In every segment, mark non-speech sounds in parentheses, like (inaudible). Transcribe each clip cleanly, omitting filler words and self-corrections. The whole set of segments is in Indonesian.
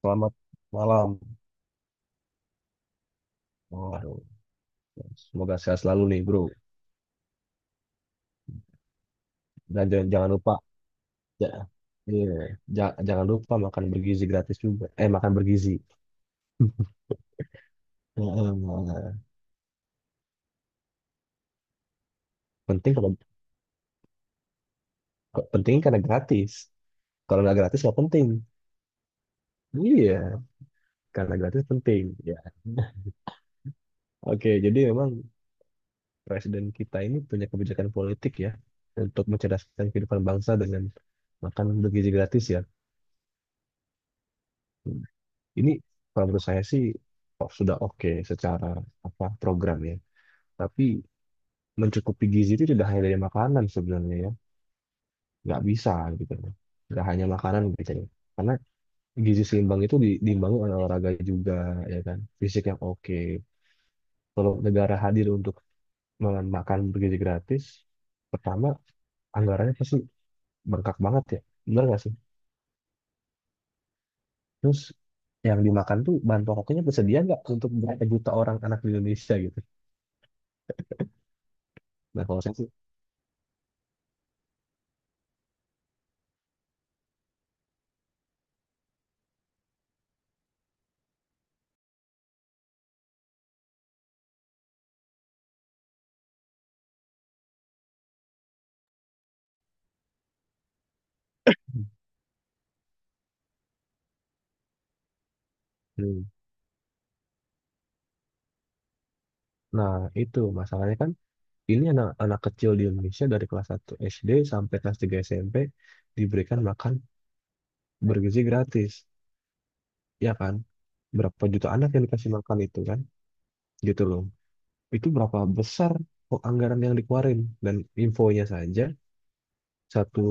Selamat malam. Waduh, semoga sehat selalu nih, bro. Dan jangan lupa, ya, iya, jangan lupa makan bergizi gratis juga. Eh, makan bergizi. Heeh. Penting kalau penting karena gratis. Kalau nggak gratis nggak penting. Iya, karena gratis penting. Ya. (laughs) Oke, jadi memang presiden kita ini punya kebijakan politik ya untuk mencerdaskan kehidupan bangsa dengan makan bergizi gratis ya. Ini kalau menurut saya sih, oh, sudah oke secara apa program ya. Tapi mencukupi gizi itu tidak hanya dari makanan sebenarnya ya. Nggak bisa gitu loh. Nggak hanya makanan gitu ya. Karena gizi seimbang itu diimbangi oleh olahraga juga, ya kan. Fisik yang oke. Kalau negara hadir untuk makan bergizi gratis, pertama anggarannya pasti bengkak banget ya. Benar nggak sih? Terus yang dimakan tuh bahan pokoknya tersedia nggak untuk berapa juta orang anak di Indonesia gitu. Nah kalau saya sih, hmm. Nah, itu masalahnya kan ini anak anak kecil di Indonesia dari kelas 1 SD sampai kelas 3 SMP diberikan makan bergizi gratis, ya kan? Berapa juta anak yang dikasih makan itu kan? Gitu loh. Itu berapa besar kok anggaran yang dikeluarin, dan infonya saja satu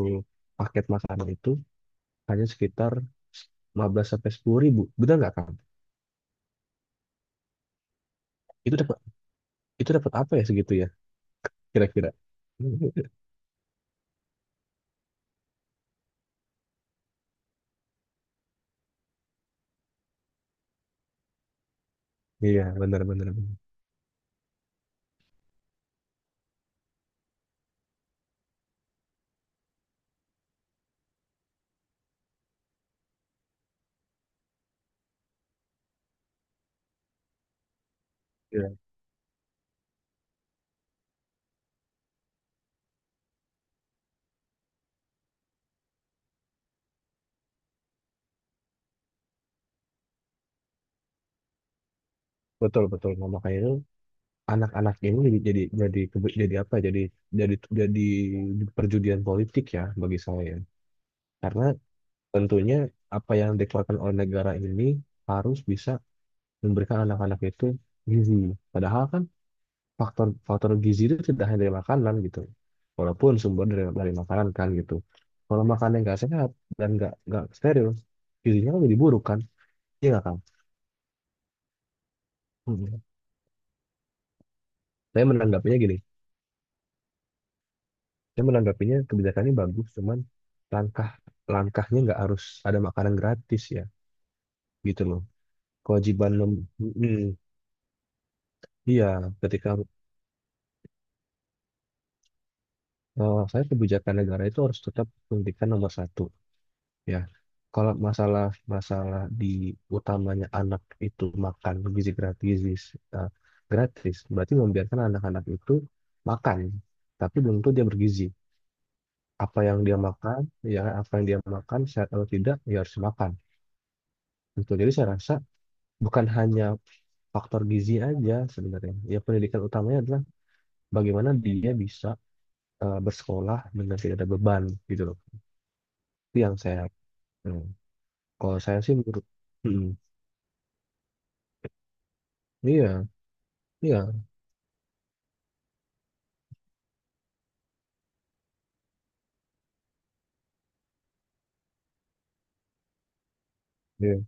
paket makanan itu hanya sekitar 15 sampai 10 ribu. Benar nggak kan? Itu dapat itu dapat apa ya segitu ya kira-kira? (laughs) Iya, benar benar benar. Iya, betul betul. Nah, makanya itu anak-anak ini jadi apa ya, jadi perjudian politik ya bagi saya ya. Karena tentunya apa yang dikeluarkan oleh negara ini harus bisa memberikan anak-anak itu gizi, padahal kan faktor faktor gizi itu tidak hanya dari makanan gitu, walaupun sumber dari makanan kan gitu. Kalau makanan yang nggak sehat dan nggak steril gizinya kan jadi buruk kan, iya nggak kan. Mhm. Saya menanggapinya gini. Saya menanggapinya kebijakan ini bagus, cuman langkah langkahnya nggak harus ada makanan gratis ya, gitu loh. Kewajiban mem Mm, iya, ketika, eh, saya, kebijakan negara itu harus tetap pendidikan nomor satu ya. Kalau masalah masalah di utamanya anak itu makan gizi gratis, eh, gratis berarti membiarkan anak-anak itu makan, tapi belum tentu dia bergizi. Apa yang dia makan, ya apa yang dia makan sehat atau tidak, ya harus makan. Betul. Jadi saya rasa bukan hanya faktor gizi aja sebenarnya. Ya pendidikan utamanya adalah bagaimana dia bisa bersekolah dengan tidak ada beban gitu loh. Itu yang saya, hmm. Kalau saya sih menurut, hmm. Iya, iya, iya.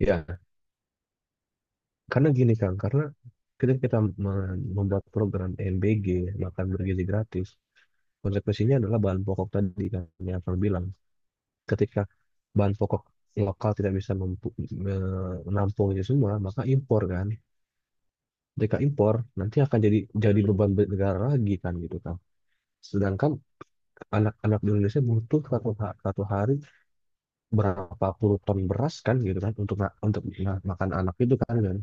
Iya, karena gini Kang, karena ketika kita membuat program MBG, makan bergizi gratis, konsekuensinya adalah bahan pokok tadi kan yang Kang bilang. Ketika bahan pokok lokal tidak bisa menampung itu semua, maka impor kan. Mereka impor nanti akan jadi beban negara lagi kan gitu kan. Sedangkan anak-anak di Indonesia butuh satu hari berapa puluh ton beras kan gitu kan makan anak itu kan kan,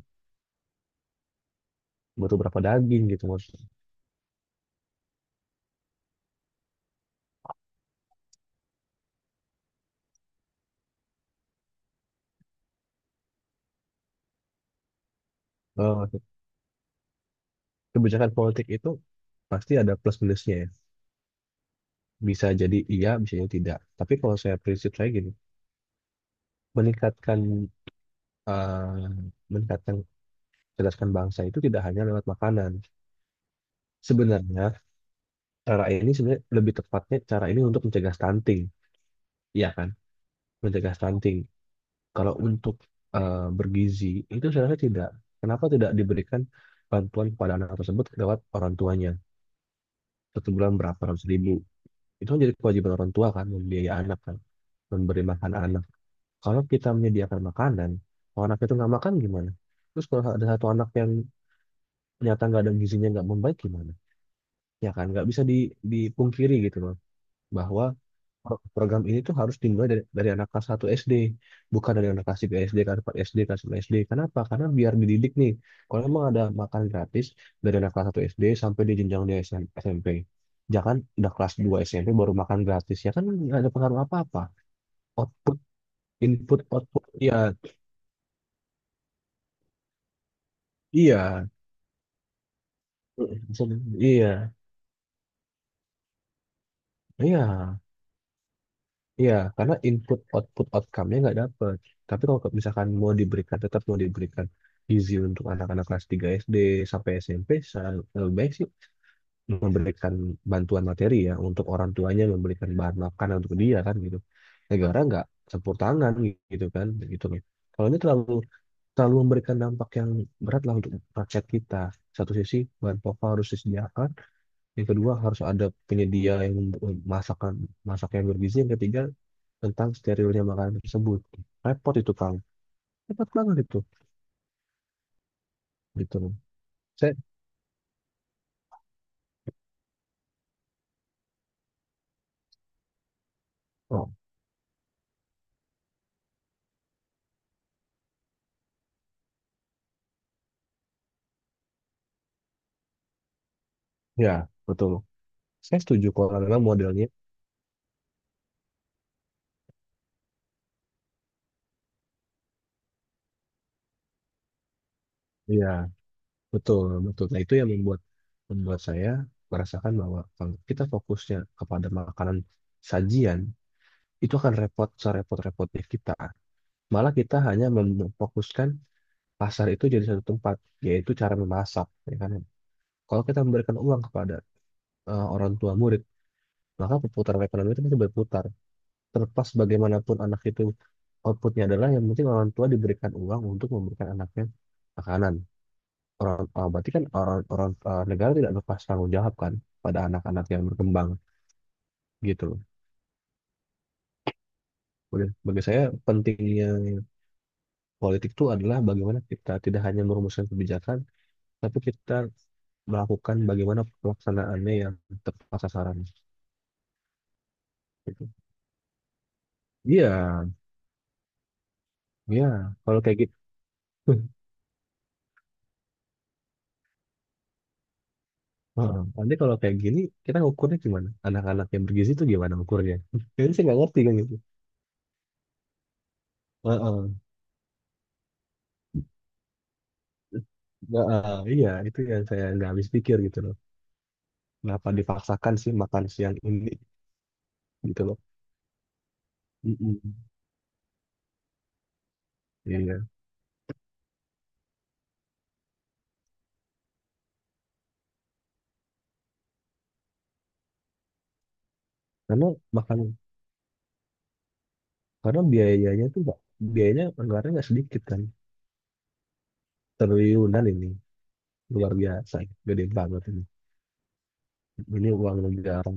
butuh berapa daging gitu maksudnya. Eh, Kebijakan politik itu pasti ada plus minusnya ya. Bisa jadi iya, bisa jadi tidak. Tapi kalau saya, prinsip saya gini, meningkatkan, eh meningkatkan cerdaskan bangsa itu tidak hanya lewat makanan. Sebenarnya cara ini, sebenarnya lebih tepatnya cara ini untuk mencegah stunting, ya kan? Mencegah stunting. Kalau untuk bergizi itu saya rasa tidak. Kenapa tidak diberikan bantuan kepada anak tersebut lewat orang tuanya? Satu bulan berapa ratus ribu? Itu kan jadi kewajiban orang tua kan, membiayai anak kan, memberi makan anak. Kalau kita menyediakan makanan, kalau anak itu nggak makan gimana? Terus kalau ada satu anak yang ternyata nggak ada gizinya, nggak membaik gimana? Ya kan, nggak bisa dipungkiri gitu loh, bahwa program ini tuh harus dimulai dari anak kelas 1 SD, bukan dari anak kelas 3 SD, kelas 4 SD, kelas 5 SD. Kenapa? Karena biar dididik nih. Kalau emang ada makan gratis dari anak kelas 1 SD sampai di jenjang dia SMP. Jangan udah kelas 2 SMP baru makan gratis. Ya kan nggak ada pengaruh apa-apa. Out- Input, output, iya, iya, mm, iya, iya. Iya, karena input output outcome-nya nggak dapet. Tapi kalau misalkan mau diberikan, tetap mau diberikan gizi untuk anak-anak kelas 3 SD sampai SMP, saya lebih baik sih memberikan bantuan materi ya untuk orang tuanya memberikan bahan makanan untuk dia kan gitu. Negara nggak campur tangan gitu kan, gitu loh. Kalau ini terlalu terlalu memberikan dampak yang berat lah untuk rakyat kita. Satu sisi bahan pokok harus disediakan, yang kedua harus ada penyedia yang membuat masak yang bergizi. Yang ketiga tentang sterilnya makanan tersebut. Repot itu Kang. Repot banget itu. Gitu loh. Saya, oh ya betul. Saya setuju kalau memang modelnya. Ya betul betul. Nah itu yang membuat membuat saya merasakan bahwa kalau kita fokusnya kepada makanan sajian itu akan repot serepot-repotnya kita. Malah kita hanya memfokuskan pasar itu jadi satu tempat, yaitu cara memasak, ya kan? Kalau kita memberikan uang kepada, orang tua murid, maka perputaran ekonomi itu pasti berputar. Terlepas bagaimanapun anak itu, outputnya adalah yang penting orang tua diberikan uang untuk memberikan anaknya makanan. Orang, ah, berarti kan orang, orang ah, negara tidak lepas tanggung jawab kan pada anak-anak yang berkembang gitu loh. Udah, bagi saya pentingnya politik itu adalah bagaimana kita tidak hanya merumuskan kebijakan, tapi kita melakukan bagaimana pelaksanaannya yang tepat sasaran. Gitu. Iya, iya. Kalau kayak gitu. (laughs) Heeh. Nanti kalau kayak gini, kita ukurnya gimana? Anak-anak yang bergizi itu gimana ukurnya? (laughs) Jadi saya nggak ngerti kan gitu. Heeh. Nggak, eh, iya, itu yang saya nggak habis pikir gitu loh. Kenapa dipaksakan sih makan siang ini gitu loh. Mm-mm. Iya, karena makan, karena biayanya tuh nggak, biayanya anggarannya nggak sedikit kan. Triliunan ini, luar biasa, gede banget ini. Ini uang negara.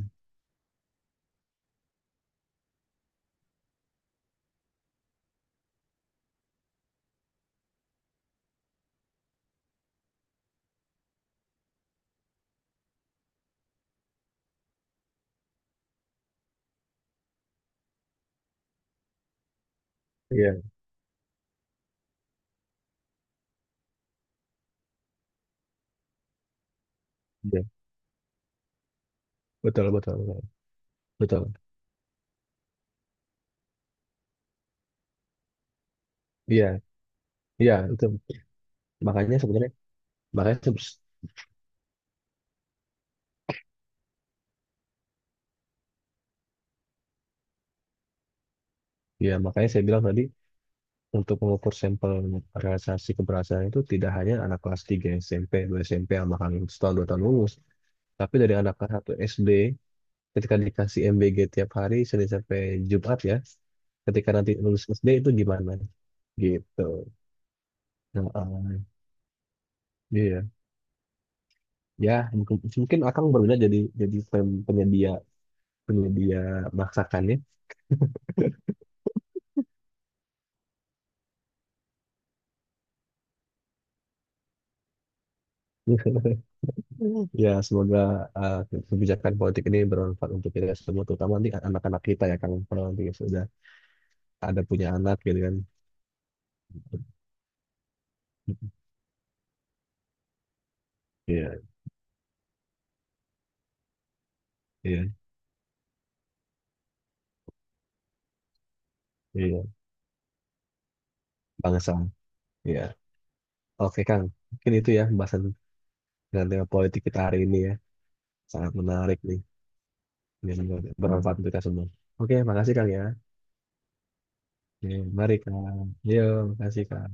Iya, iya, betul, betul, betul, betul. Iya, iya, itu makanya sebenarnya, makanya se- ya, makanya saya bilang tadi untuk mengukur sampel realisasi keberhasilan itu tidak hanya anak kelas 3 SMP, 2 SMP sama kan setahun dua tahun lulus, tapi dari anak kelas 1 SD ketika dikasih MBG tiap hari Senin sampai Jumat ya, ketika nanti lulus SD itu gimana gitu. Nah, iya. Ya, mungkin, mungkin akan berbeda, jadi penyedia penyedia masakannya. Ya, semoga, uh, kebijakan politik ini bermanfaat untuk kita semua, terutama nanti anak-anak kita ya, Kang. Kalau nanti sudah ada punya anak gitu kan. Iya, iya, iya. Bangsa. Iya. Oke, Kang. Mungkin itu ya pembahasan dengan tema politik kita hari ini ya. Sangat menarik nih. Ini semoga bermanfaat untuk kita semua. Oke, makasih Kang ya. Oke, mari Kang. Yo, makasih Kang.